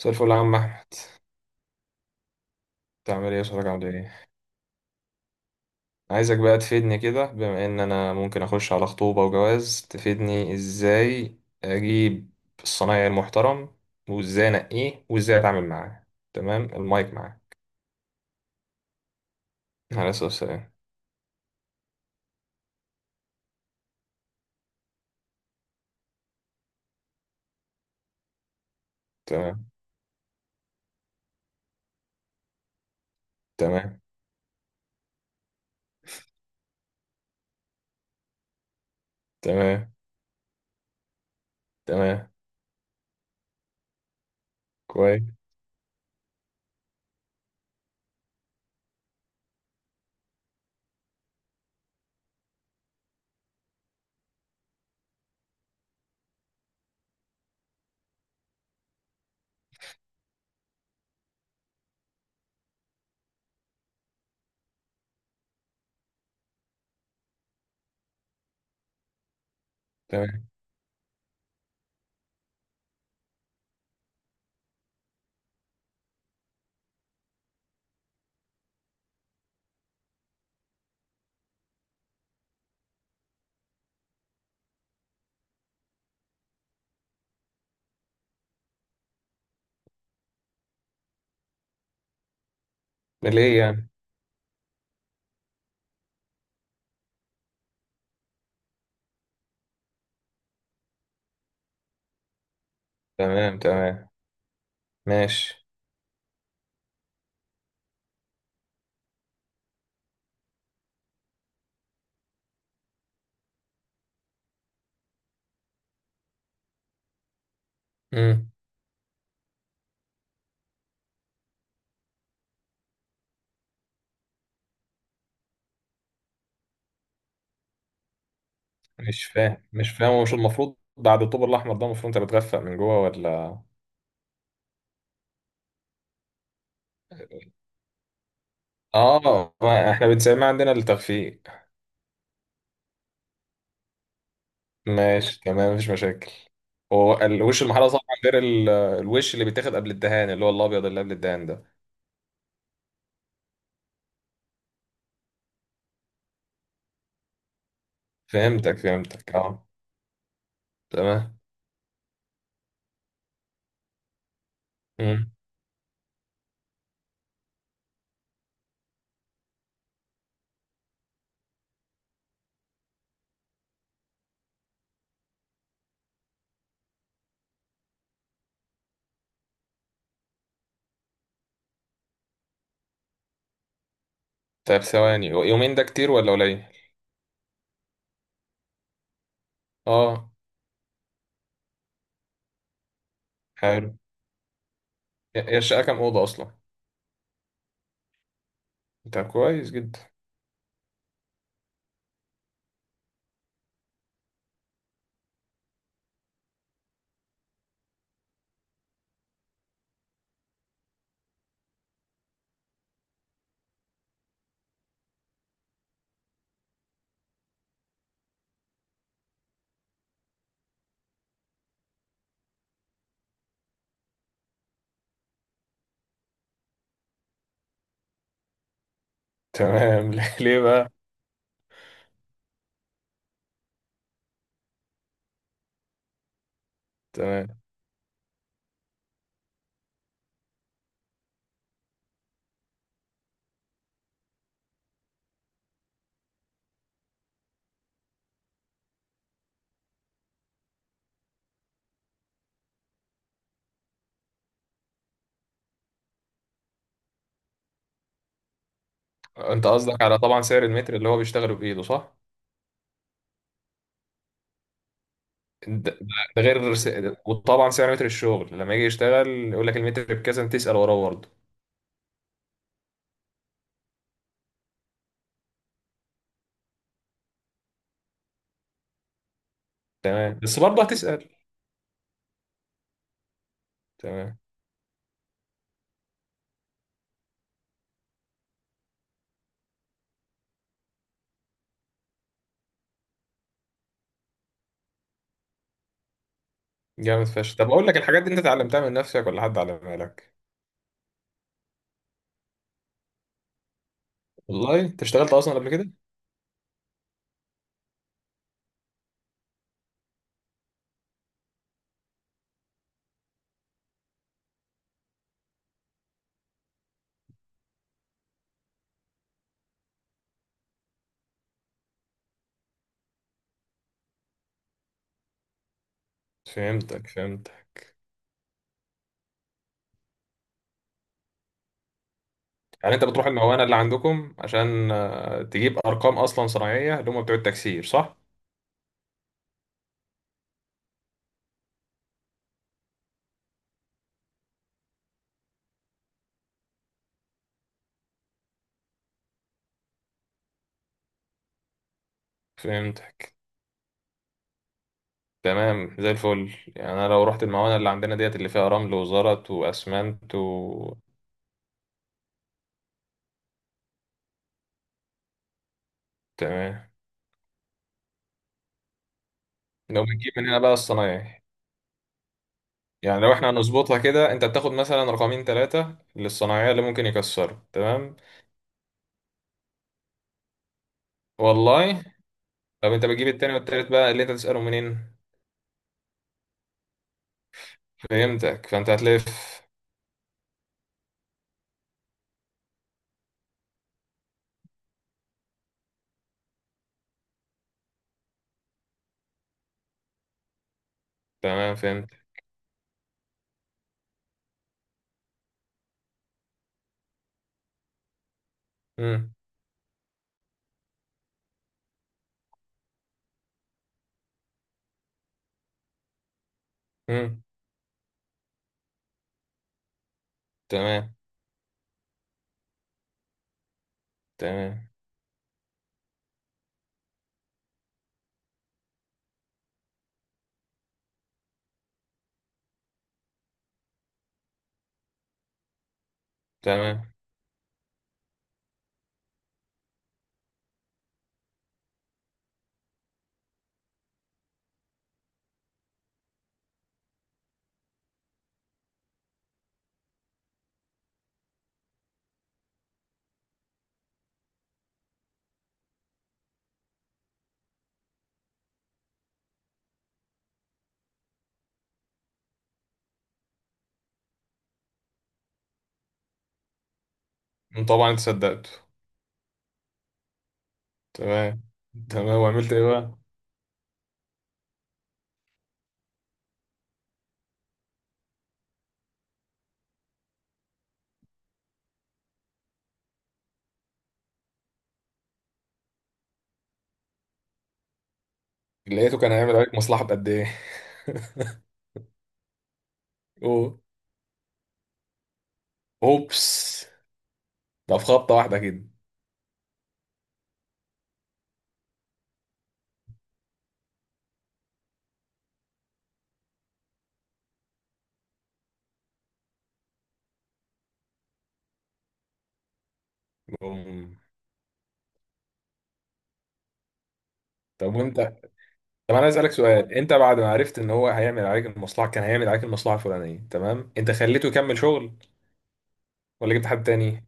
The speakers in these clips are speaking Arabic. مساء الفل يا عم احمد. بتعمل ايه وصحتك عامل ايه؟ عايزك بقى تفيدني كده، بما ان انا ممكن اخش على خطوبة وجواز. تفيدني ازاي اجيب الصنايعي المحترم، وازاي انقيه وازاي اتعامل معاه. تمام، المايك معاك. على اساس السلام. تمام. تمام. تمام. تمام. كويس. تمام. ده ليه يعني؟ تمام. تمام. ماشي. امم. مش فاهم مش فاهم، هو مش المفروض بعد الطوب الاحمر ده المفروض انت بتغفق من جوه ولا؟ اه، ما احنا بنسمي عندنا التخفيق. ماشي، تمام، مفيش مشاكل. هو الوش المحلى طبعا غير الوش اللي بيتاخد قبل الدهان، اللي هو الابيض اللي قبل الدهان ده. فهمتك فهمتك اه. تمام. مم. طيب، ثواني، يومين ده كتير ولا قليل؟ اه. حلو. هي الشقه كام اوضه اصلا؟ انت كويس جدا. تمام ليه بقى؟ تمام. انت قصدك، على طبعا سعر المتر اللي هو بيشتغله بايده، صح؟ ده ده- ده غير س- وطبعا سعر متر الشغل لما يجي يشتغل، يقول لك المتر بكذا، انت تسأل وراه برضه. تمام، بس برضه هتسأل. تمام جامد فشخ. طب اقول لك، الحاجات دي انت اتعلمتها من نفسك ولا حد علمها لك؟ والله انت اشتغلت اصلا قبل كده؟ فهمتك فهمتك. يعني انت بتروح الموانئ اللي عندكم عشان تجيب ارقام اصلا صناعيه اللي هم بتوع التكسير، صح؟ فهمتك. تمام زي الفل. يعني انا لو رحت الموانئ اللي عندنا ديت اللي فيها رمل وزلط واسمنت تمام. لو بتجيب من هنا بقى الصنايعي، يعني لو احنا هنظبطها كده، انت بتاخد مثلا رقمين ثلاثه للصنايعيه اللي ممكن يكسروا، تمام؟ والله. طب انت بتجيب التاني والتالت بقى اللي انت تسأله منين؟ فهمتك، فانت هتلف. تمام فهمت. مم. مم. تمام. تمام. تمام. طبعا انت صدقته. تمام. تمام وعملت ايه بقى؟ لقيته كان هيعمل عليك مصلحة بقد ايه؟ أوه. اوبس. ده في خبطة واحدة كده؟ بوم. طب وانت. طب انا عايز اسالك سؤال، انت بعد ما عرفت ان هو هيعمل عليك المصلحة، كان هيعمل عليك المصلحة الفلانية، تمام، انت خليته يكمل شغل ولا جبت حد تاني؟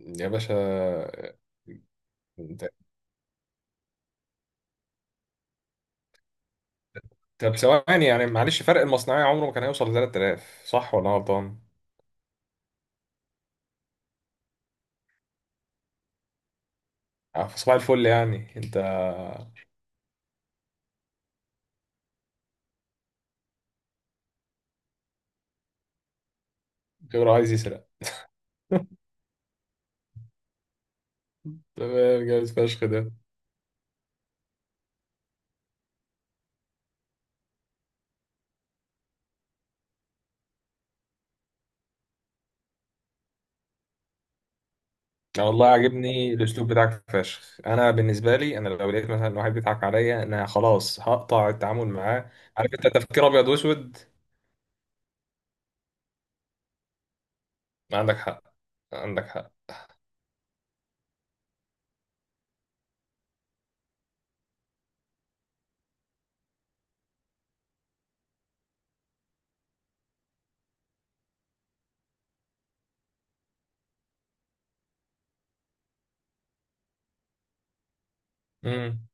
يا باشا. طب ثواني يعني معلش، فرق المصنعية عمره ما كان هيوصل ل 3000 صح ولا أنا غلطان؟ في صباح الفل يعني أنت. كبر عايز يسرق. تمام جامد فشخ ده. أنا والله عاجبني الأسلوب بتاعك فشخ. أنا بالنسبة لي، أنا لو لقيت مثلا واحد بيضحك عليا، أنا خلاص هقطع التعامل معاه. عارف أنت، تفكير أبيض وأسود. ما عندك حق. عندك حق. امم.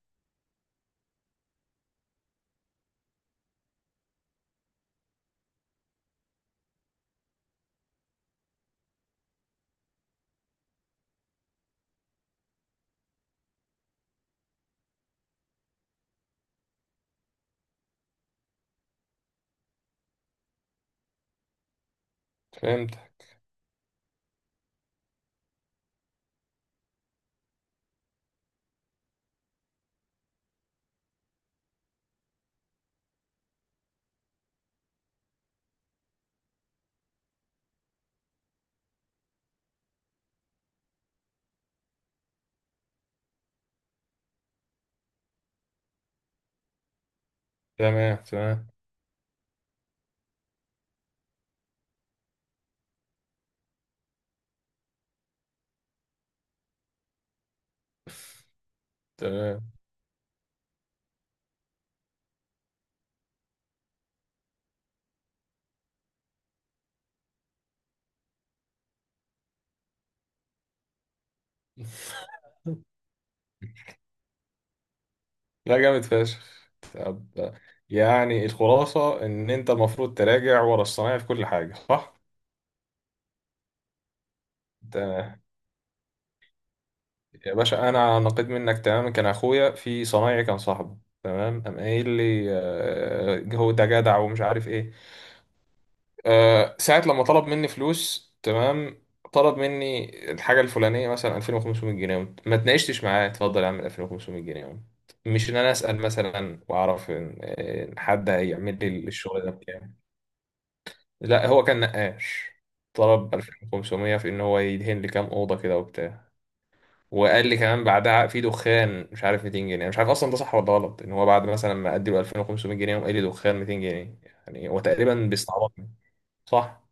فهمت. تمام. تمام. تمام. لا جامد فشخ. طب يعني الخلاصة إن أنت المفروض تراجع ورا الصنايعي في كل حاجة، صح؟ تمام. يا باشا أنا نقيت منك تماما. كان أخويا في صنايعي كان صاحبه، تمام، قام قايل لي هو ده جدع ومش عارف إيه. ساعة لما طلب مني فلوس، تمام، طلب مني الحاجة الفلانية مثلا 2500 جنيه، ما اتناقشتش معاه، اتفضل يا عم 2500 جنيه، مش إن أنا أسأل مثلا وأعرف إن حد هيعمل لي الشغل ده بكام. لا هو كان نقاش. طلب 2500 في ان هو يدهن لي كام اوضه كده وبتاع، وقال لي كمان بعدها في دخان مش عارف 200 جنيه. أنا مش عارف اصلا ده صح ولا غلط، ان هو بعد مثلا ما ادي له 2500 جنيه وقال لي دخان 200 جنيه. يعني هو تقريبا بيستعبطني، صح.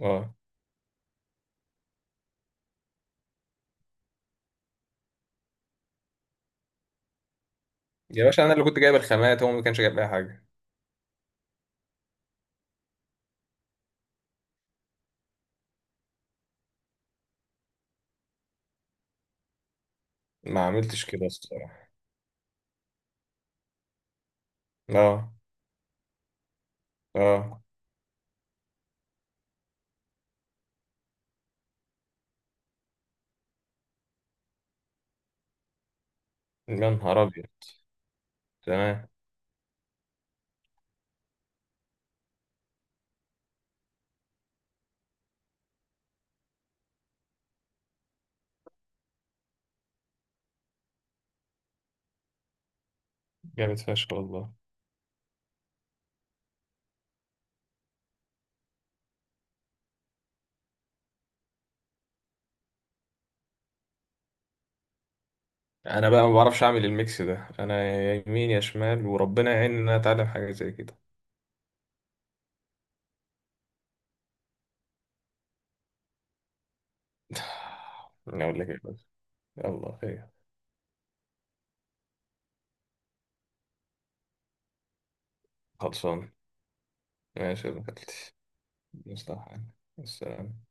اه. يا باشا انا اللي كنت جايب الخامات، هو ما كانش جايب اي حاجه. ما عملتش كده الصراحه. اه. اه. يا نهار ابيض. تمام جامد فشخ والله. انا بقى ما بعرفش اعمل الميكس ده. انا يا يمين يا شمال، وربنا يعين ان انا اتعلم حاجه زي كده. أنا أقول لك إيه بس. يلا خير. خلصان. ماشي يا زميلتي. مصلحة. السلام.